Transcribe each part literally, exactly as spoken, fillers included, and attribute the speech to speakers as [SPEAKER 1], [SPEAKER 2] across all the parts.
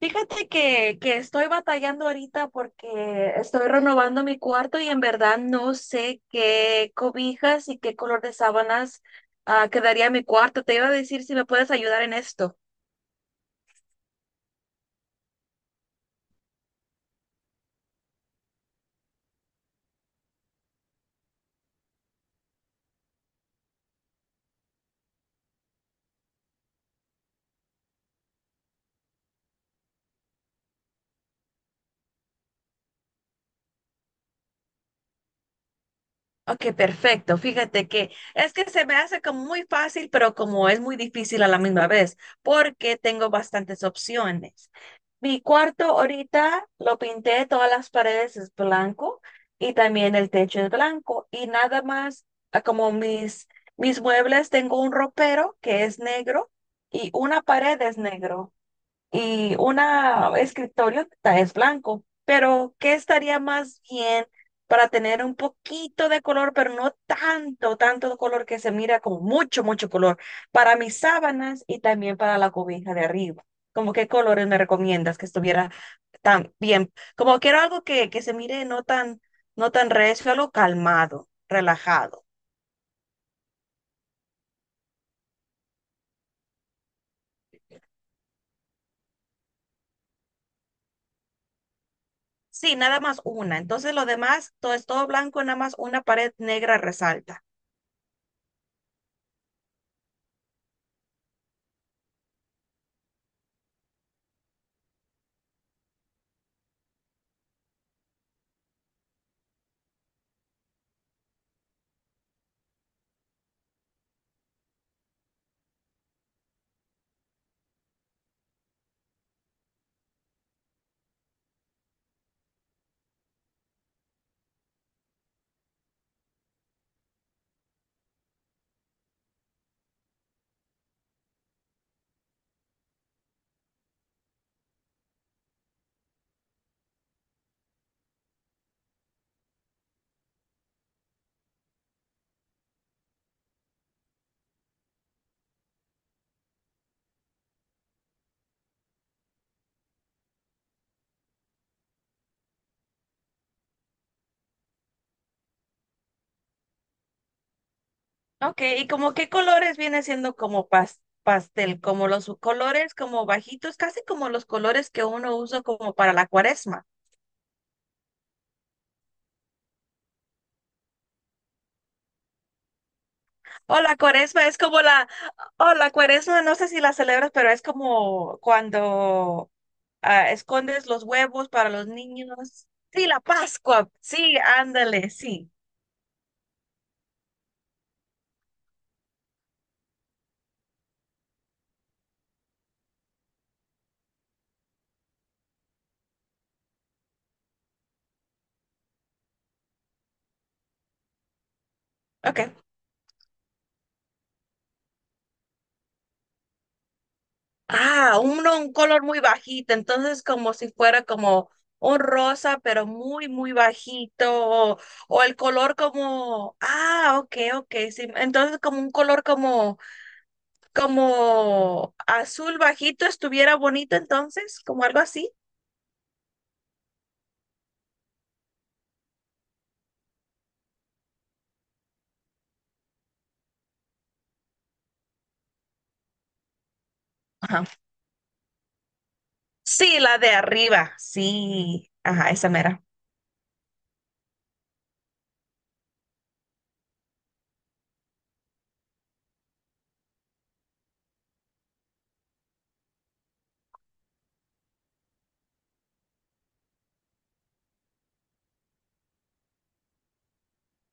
[SPEAKER 1] Fíjate que, que estoy batallando ahorita porque estoy renovando mi cuarto y en verdad no sé qué cobijas y qué color de sábanas ah, quedaría en mi cuarto. Te iba a decir si me puedes ayudar en esto. Ok, perfecto. Fíjate que es que se me hace como muy fácil, pero como es muy difícil a la misma vez, porque tengo bastantes opciones. Mi cuarto ahorita lo pinté, todas las paredes es blanco y también el techo es blanco y nada más ah, como mis mis muebles, tengo un ropero que es negro y una pared es negro y una escritorio ta- es blanco. Pero ¿qué estaría más bien para tener un poquito de color, pero no tanto, tanto color que se mira como mucho, mucho color para mis sábanas y también para la cobija de arriba? ¿Como qué colores me recomiendas que estuviera tan bien? Como quiero algo que, que se mire no tan, no tan recio, algo calmado, relajado. Sí, nada más una. Entonces lo demás, todo es todo blanco, nada más una pared negra resalta. Ok, ¿y como qué colores viene siendo como pas- pastel? Como los colores como bajitos, casi como los colores que uno usa como para la cuaresma. O la cuaresma es como la, o la cuaresma, no sé si la celebras, pero es como cuando ah, escondes los huevos para los niños. Sí, la Pascua, sí, ándale, sí. Ok. Ah, uno, un color muy bajito, entonces como si fuera como un rosa, pero muy, muy bajito, o, o el color como, ah, ok, ok, sí, entonces como un color como, como azul bajito estuviera bonito, entonces, como algo así. Ajá. Sí, la de arriba, sí, ajá, esa mera.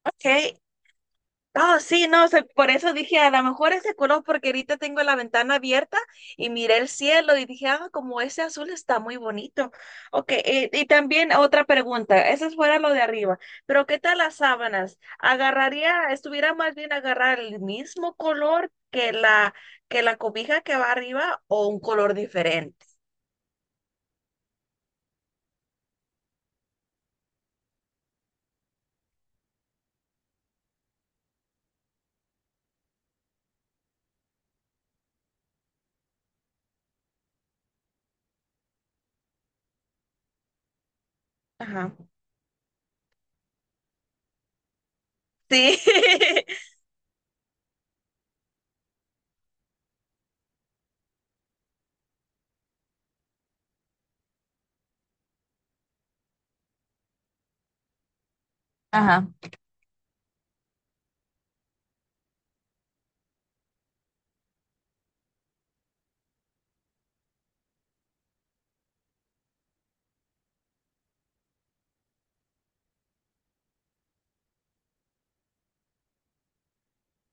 [SPEAKER 1] Ok. Ah, sí, no, se- por eso dije, a lo mejor ese color, porque ahorita tengo la ventana abierta y miré el cielo y dije, ah, como ese azul está muy bonito. Ok, y, y también otra pregunta, eso fuera lo de arriba, pero ¿qué tal las sábanas? ¿Agarraría, estuviera más bien agarrar el mismo color que la que la cobija que va arriba o un color diferente? Ajá. Sí. Ajá.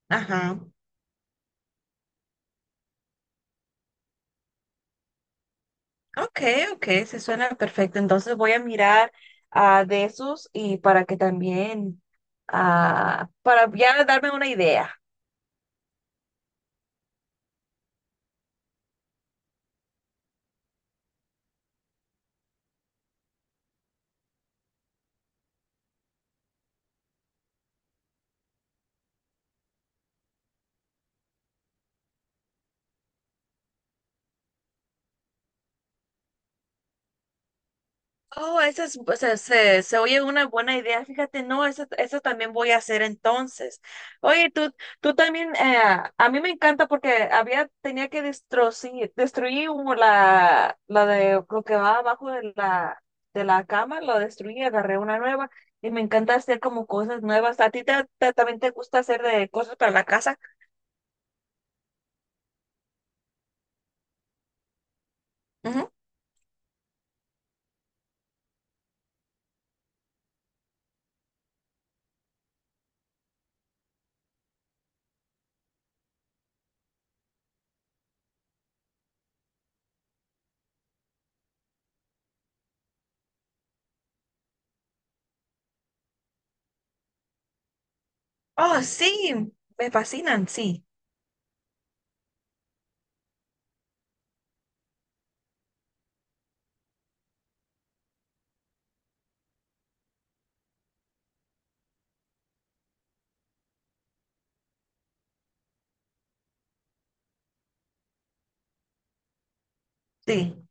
[SPEAKER 1] Ajá. Ok, ok, se suena perfecto. Entonces voy a mirar ah, de esos y para que también, ah, para ya darme una idea. Oh, esa es, o sea, se, se oye una buena idea. Fíjate, no, eso, eso también voy a hacer entonces. Oye, tú, tú también, eh, a mí me encanta porque había, tenía que destruir, destruir como la, la de lo que va abajo de la, de la cama, lo destruí, agarré una nueva y me encanta hacer como cosas nuevas. ¿A ti te- te- también te gusta hacer de cosas para la casa? Ujú. Oh, sí, me fascinan, sí, sí.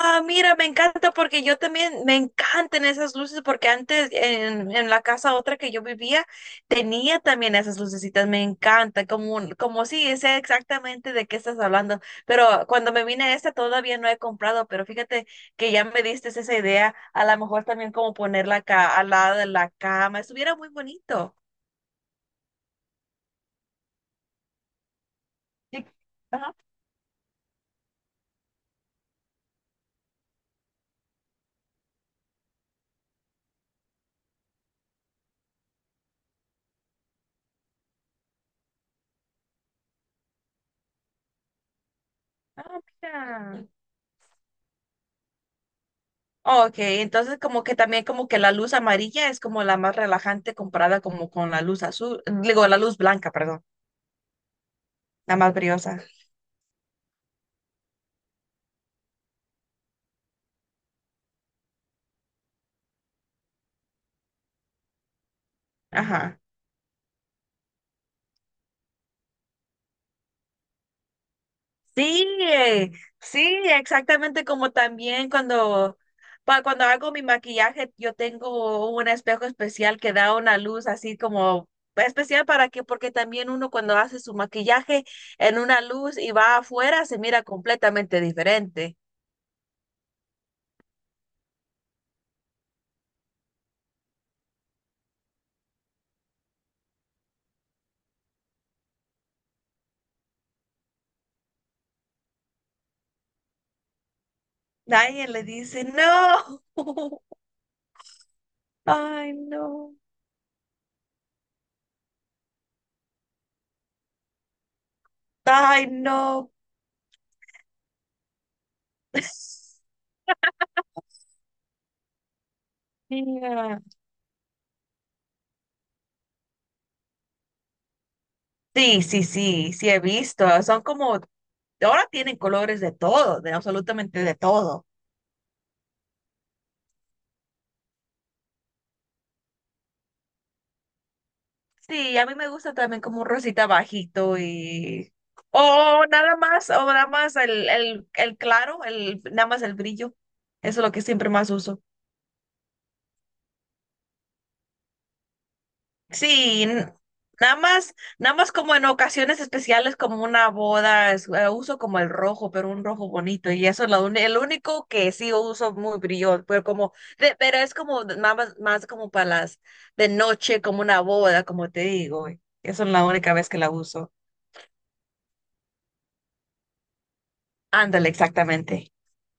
[SPEAKER 1] Ah, mira, me encanta porque yo también me encantan esas luces porque antes en, en la casa otra que yo vivía tenía también esas lucecitas, me encanta, como, un- como sí, sé exactamente de qué estás hablando, pero cuando me vine a esta todavía no he comprado, pero fíjate que ya me diste esa idea, a lo mejor también como ponerla acá al lado de la cama, estuviera muy bonito. Sí, ajá. Ah, mira. Ok, entonces como que también como que la luz amarilla es como la más relajante comparada como con la luz azul, digo, la luz blanca, perdón, la más brillosa. Ajá. Sí, eh, sí, exactamente como también cuando, pa- cuando hago mi maquillaje, yo tengo un espejo especial que da una luz así como especial para que, porque también uno cuando hace su maquillaje en una luz y va afuera se mira completamente diferente. Nadie le dice, no. Ay, no. Ay, no. Mira. Sí, sí, sí, sí he visto. Son como, ahora tienen colores de todo, de absolutamente de todo. Sí, a mí me gusta también como un rosita bajito y... O nada más, o nada más el, el, el claro, el, nada más el brillo. Eso es lo que siempre más uso. Sí, n- nada más, nada más como en ocasiones especiales como una boda, es- eh, uso como el rojo, pero un rojo bonito y eso es lo, un- el único que sí uso muy brillo, pero como, de- pero es como de- nada más, más como para las de noche, como una boda, como te digo, y eso es la única vez que la uso. Ándale, exactamente.